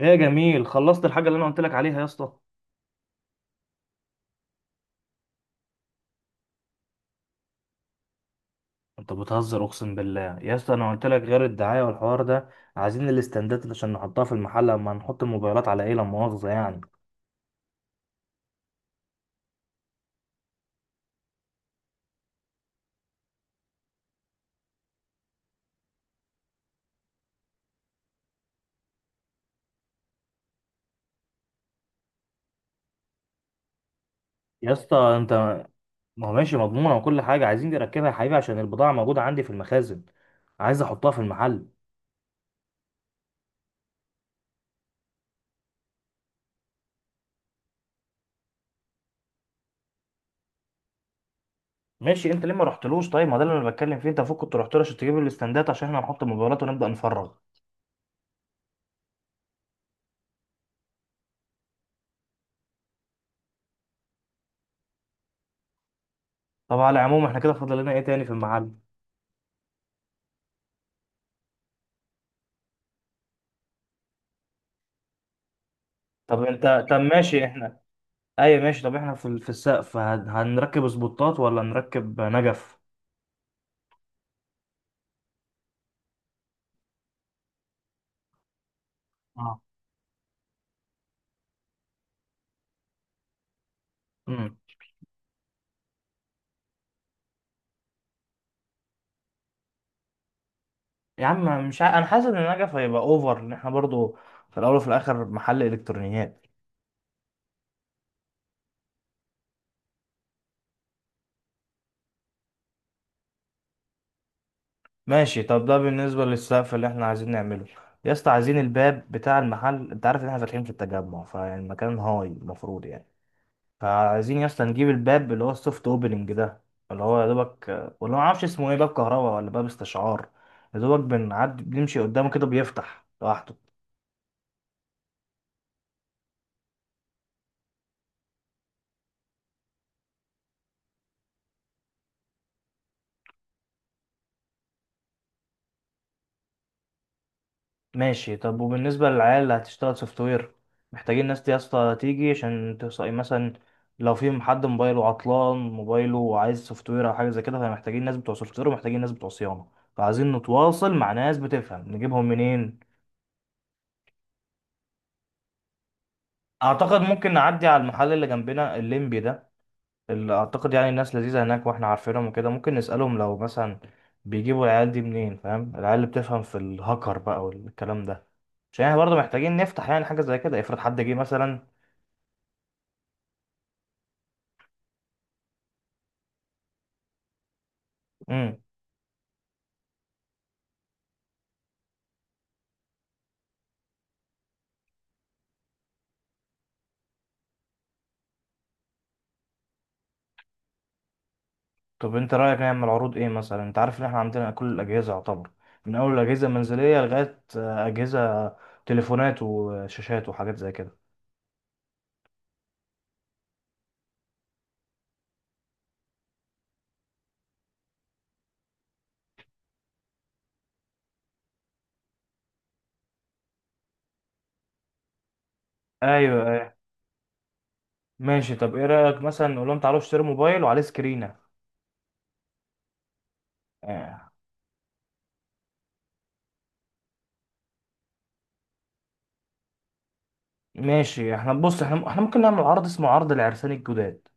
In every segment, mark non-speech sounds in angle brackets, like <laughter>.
ايه يا جميل، خلصت الحاجه اللي انا قلت لك عليها يا اسطى؟ انت بتهزر، اقسم بالله يا اسطى انا قلت لك غير الدعايه والحوار ده. عايزين الاستندات اللي عشان نحطها في المحل، اما نحط الموبايلات على ايه، لا مؤاخذه يعني. يا اسطى انت، ما هو ماشي مضمونه، وكل حاجه عايزين نركبها يا حبيبي عشان البضاعه موجوده عندي في المخازن. عايز احطها في المحل. ماشي، انت ليه ما رحتلوش؟ طيب ما ده اللي انا بتكلم فيه، انت المفروض كنت رحت له عشان تجيب الاستندات عشان احنا نحط الموبايلات ونبدا نفرغ. طب على العموم احنا كده فاضل لنا ايه تاني في المحل؟ طب ماشي، احنا، ايوه ماشي، طب احنا في السقف هنركب سبوتات ولا نركب نجف؟ اه. امم. يا عم، مش ع... انا حاسس ان النجف هيبقى اوفر، ان احنا برضو في الاول وفي الاخر محل الكترونيات. ماشي، طب ده بالنسبه للسقف اللي احنا عايزين نعمله. يا اسطى، عايزين الباب بتاع المحل، انت عارف ان احنا فاتحين في التجمع، فيعني المكان هاي المفروض يعني. فعايزين يا اسطى نجيب الباب اللي هو السوفت اوبننج ده، اللي هو يا دوبك، ولا ما اعرفش اسمه ايه، باب كهرباء ولا باب استشعار، يا دوبك بنعدي بنمشي قدامه كده بيفتح لوحده. ماشي، طب وبالنسبة للعيال اللي هتشتغل سوفت وير، محتاجين ناس دي يا اسطى تيجي عشان تصقي مثلا، لو في حد موبايله عطلان موبايله وعايز سوفت وير او حاجة زي كده، فمحتاجين ناس بتوع سوفت وير ومحتاجين ناس بتوع صيانة. فعايزين نتواصل مع ناس بتفهم، نجيبهم منين؟ اعتقد ممكن نعدي على المحل اللي جنبنا الليمبي ده، اللي اعتقد يعني الناس لذيذة هناك واحنا عارفينهم وكده، ممكن نسألهم لو مثلا بيجيبوا العيال دي منين، فاهم، العيال اللي بتفهم في الهاكر بقى والكلام ده، عشان احنا برضه محتاجين نفتح يعني حاجة زي كده، افرض حد جه مثلا. امم. طب انت رايك نعمل عروض ايه مثلا؟ انت عارف ان احنا عندنا كل الاجهزه يعتبر، من اول الاجهزه المنزليه لغايه اجهزه تليفونات وشاشات وحاجات زي كده. ايوه، ايوه. ماشي، طب ايه رايك مثلا نقول لهم تعالوا اشتروا موبايل وعليه سكرينه؟ آه. ماشي، احنا بص، احنا ممكن نعمل عرض اسمه عرض العرسان الجداد،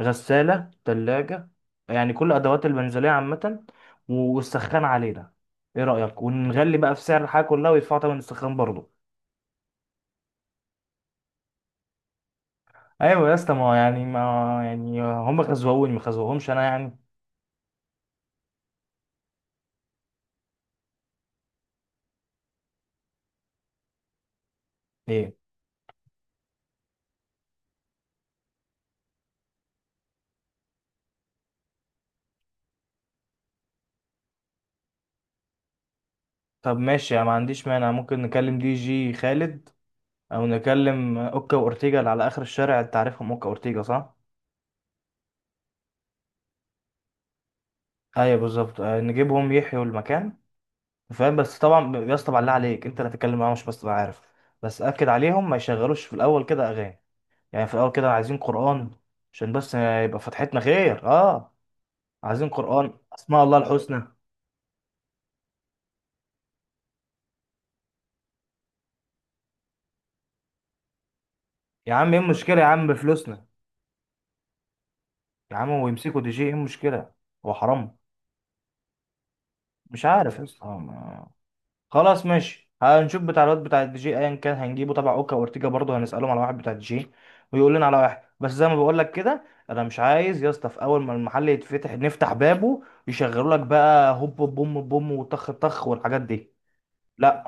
غساله، ثلاجه، يعني كل ادوات المنزليه عامه، والسخان علينا. ايه رايك؟ ونغلي بقى في سعر الحاجه كلها ويدفعوا تمن السخان برضه. ايوه يا اسطى، ما هو يعني ما، يعني هم خزوهوني ما خزوهمش انا يعني. ليه؟ طب ماشي، انا ما عنديش مانع، ممكن نكلم دي جي خالد، او نكلم اوكا واورتيجا اللي على اخر الشارع، انت عارفهم اوكا واورتيجا صح؟ ايوه بالظبط، نجيبهم يحيوا المكان. فاهم؟ بس طبعا يا اسطى، بالله عليك انت اللي هتتكلم معاهم، مش بس تبقى عارف. بس اكد عليهم ما يشغلوش في الاول كده اغاني، يعني في الاول كده عايزين قران، عشان بس يبقى فتحتنا خير، اه. عايزين قران، اسماء الله الحسنى. يا عم ايه المشكله؟ يا عم بفلوسنا، يا عم ويمسكوا دي جي، ايه المشكلة؟ هو حرام؟ مش عارف يا اسطى خلاص، ماشي، هنشوف بتاع الواد بتاع الدي جي ايا كان هنجيبه، تبع اوكا وارتيجا برضه هنسألهم على واحد بتاع الدي جي، ويقول لنا على واحد. بس زي ما بقول لك كده، انا مش عايز يا اسطى في اول ما المحل يتفتح نفتح بابه يشغلوا لك بقى هوب بوم بوم وطخ طخ والحاجات دي. لا.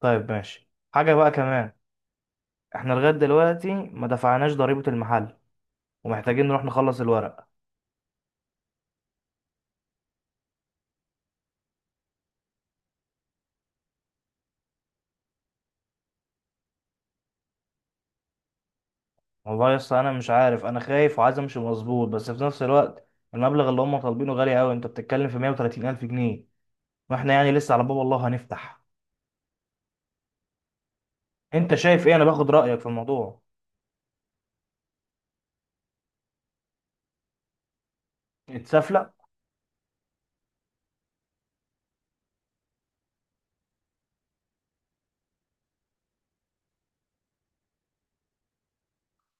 طيب، ماشي، حاجة بقى كمان، احنا لغاية دلوقتي ما دفعناش ضريبة المحل، ومحتاجين نروح نخلص الورق. والله يا اسطى انا مش عارف، انا خايف وعايز امشي مظبوط، بس في نفس الوقت المبلغ اللي هم طالبينه غالي قوي، انت بتتكلم في 130 الف جنيه، واحنا يعني لسه على باب الله هنفتح. انت شايف ايه؟ انا باخد رايك في الموضوع. اتسفلق.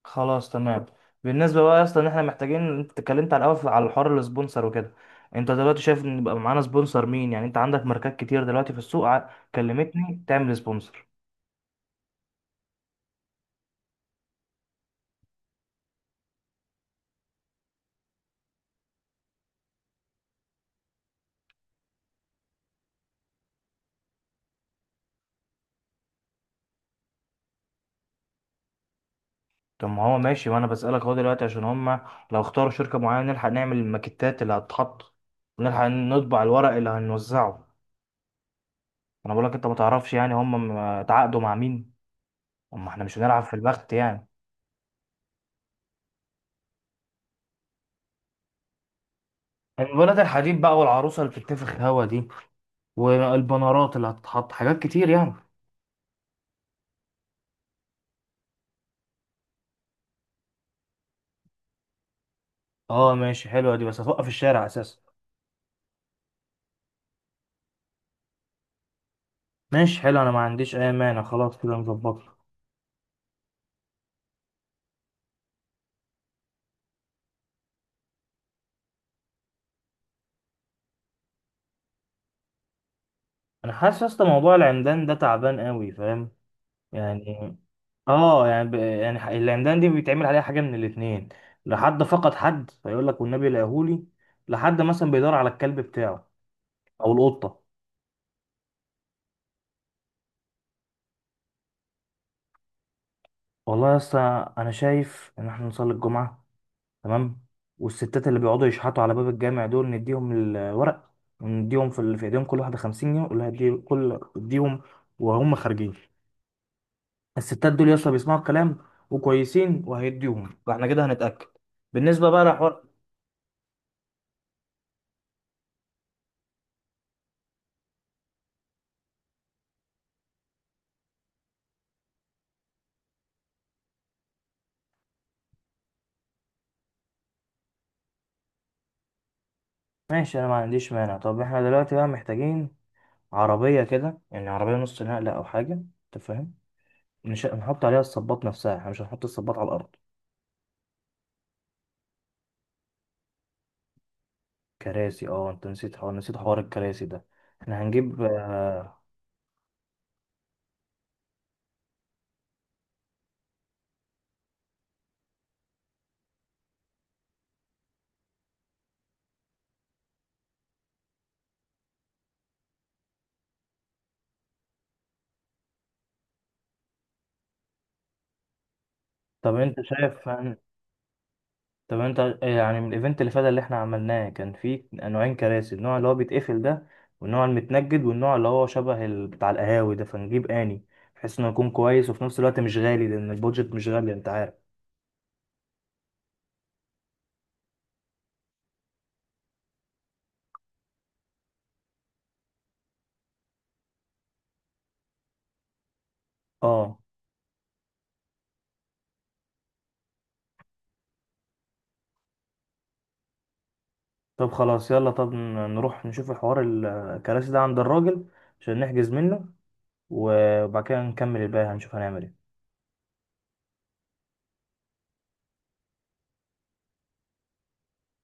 خلاص، تمام. بالنسبه بقى يا اسطى ان احنا محتاجين، انت اتكلمت على الاول على الحوار السبونسر وكده، انت دلوقتي شايف ان يبقى معانا سبونسر مين يعني؟ انت عندك ماركات كتير دلوقتي في السوق، كلمتني تعمل سبونسر. طب ما هو ماشي، وانا بسألك اهو دلوقتي عشان هما لو اختاروا شركة معينة نلحق نعمل الماكيتات اللي هتتحط، ونلحق نطبع الورق اللي هنوزعه. انا بقولك انت ما تعرفش يعني هما اتعاقدوا مع مين، اما احنا مش هنلعب في البخت يعني. الولاد الحديد بقى، والعروسة اللي بتتنفخ هوا دي، والبنرات اللي هتتحط، حاجات كتير يعني. اه ماشي، حلوة دي، بس هتوقف الشارع اساسا. ماشي، حلو، انا ما عنديش اي مانع، خلاص كده نظبطها. انا حاسس يا اسطى موضوع العمدان ده تعبان قوي، فاهم؟ يعني، اه يعني يعني العمدان دي بيتعمل عليها حاجه، من الاثنين لحد فقد، حد فيقول لك والنبي لقاهولي، لحد مثلا بيدور على الكلب بتاعه، او القطه. والله يا اسطى انا شايف ان احنا نصلي الجمعه، تمام، والستات اللي بيقعدوا يشحتوا على باب الجامع دول نديهم الورق، ونديهم في ايديهم كل واحده 50 جنيه ولا هدي كل اديهم، وهم خارجين. الستات دول يا اسطى بيسمعوا الكلام وكويسين، وهيديهم، فاحنا كده هنتاكد. بالنسبه بقى لحوار، ماشي، انا ما عنديش مانع. طب احنا دلوقتي بقى محتاجين عربية كده، يعني عربية نص نقلة أو حاجة، أنت فاهم، نحط عليها الصباط نفسها، احنا مش هنحط الصباط على الأرض. كراسي؟ اه، أنت نسيت حوار الكراسي ده، احنا هنجيب <laughs> طب أنت شايف طب أنت، يعني من الإيفنت اللي فات اللي احنا عملناه كان فيه نوعين كراسي، النوع اللي هو بيتقفل ده، والنوع المتنجد، والنوع اللي هو شبه بتاع القهاوي ده، فنجيب آني، بحيث إنه يكون كويس وفي نفس الوقت مش غالي، لأن البودجت مش غالي أنت عارف. اه طب خلاص، يلا، طب نروح نشوف الحوار الكراسي ده عند الراجل، عشان نحجز منه، وبعد كده نكمل الباقي، هنشوف هنعمل ايه.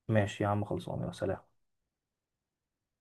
ماشي يا عم، خلصان. يا سلام.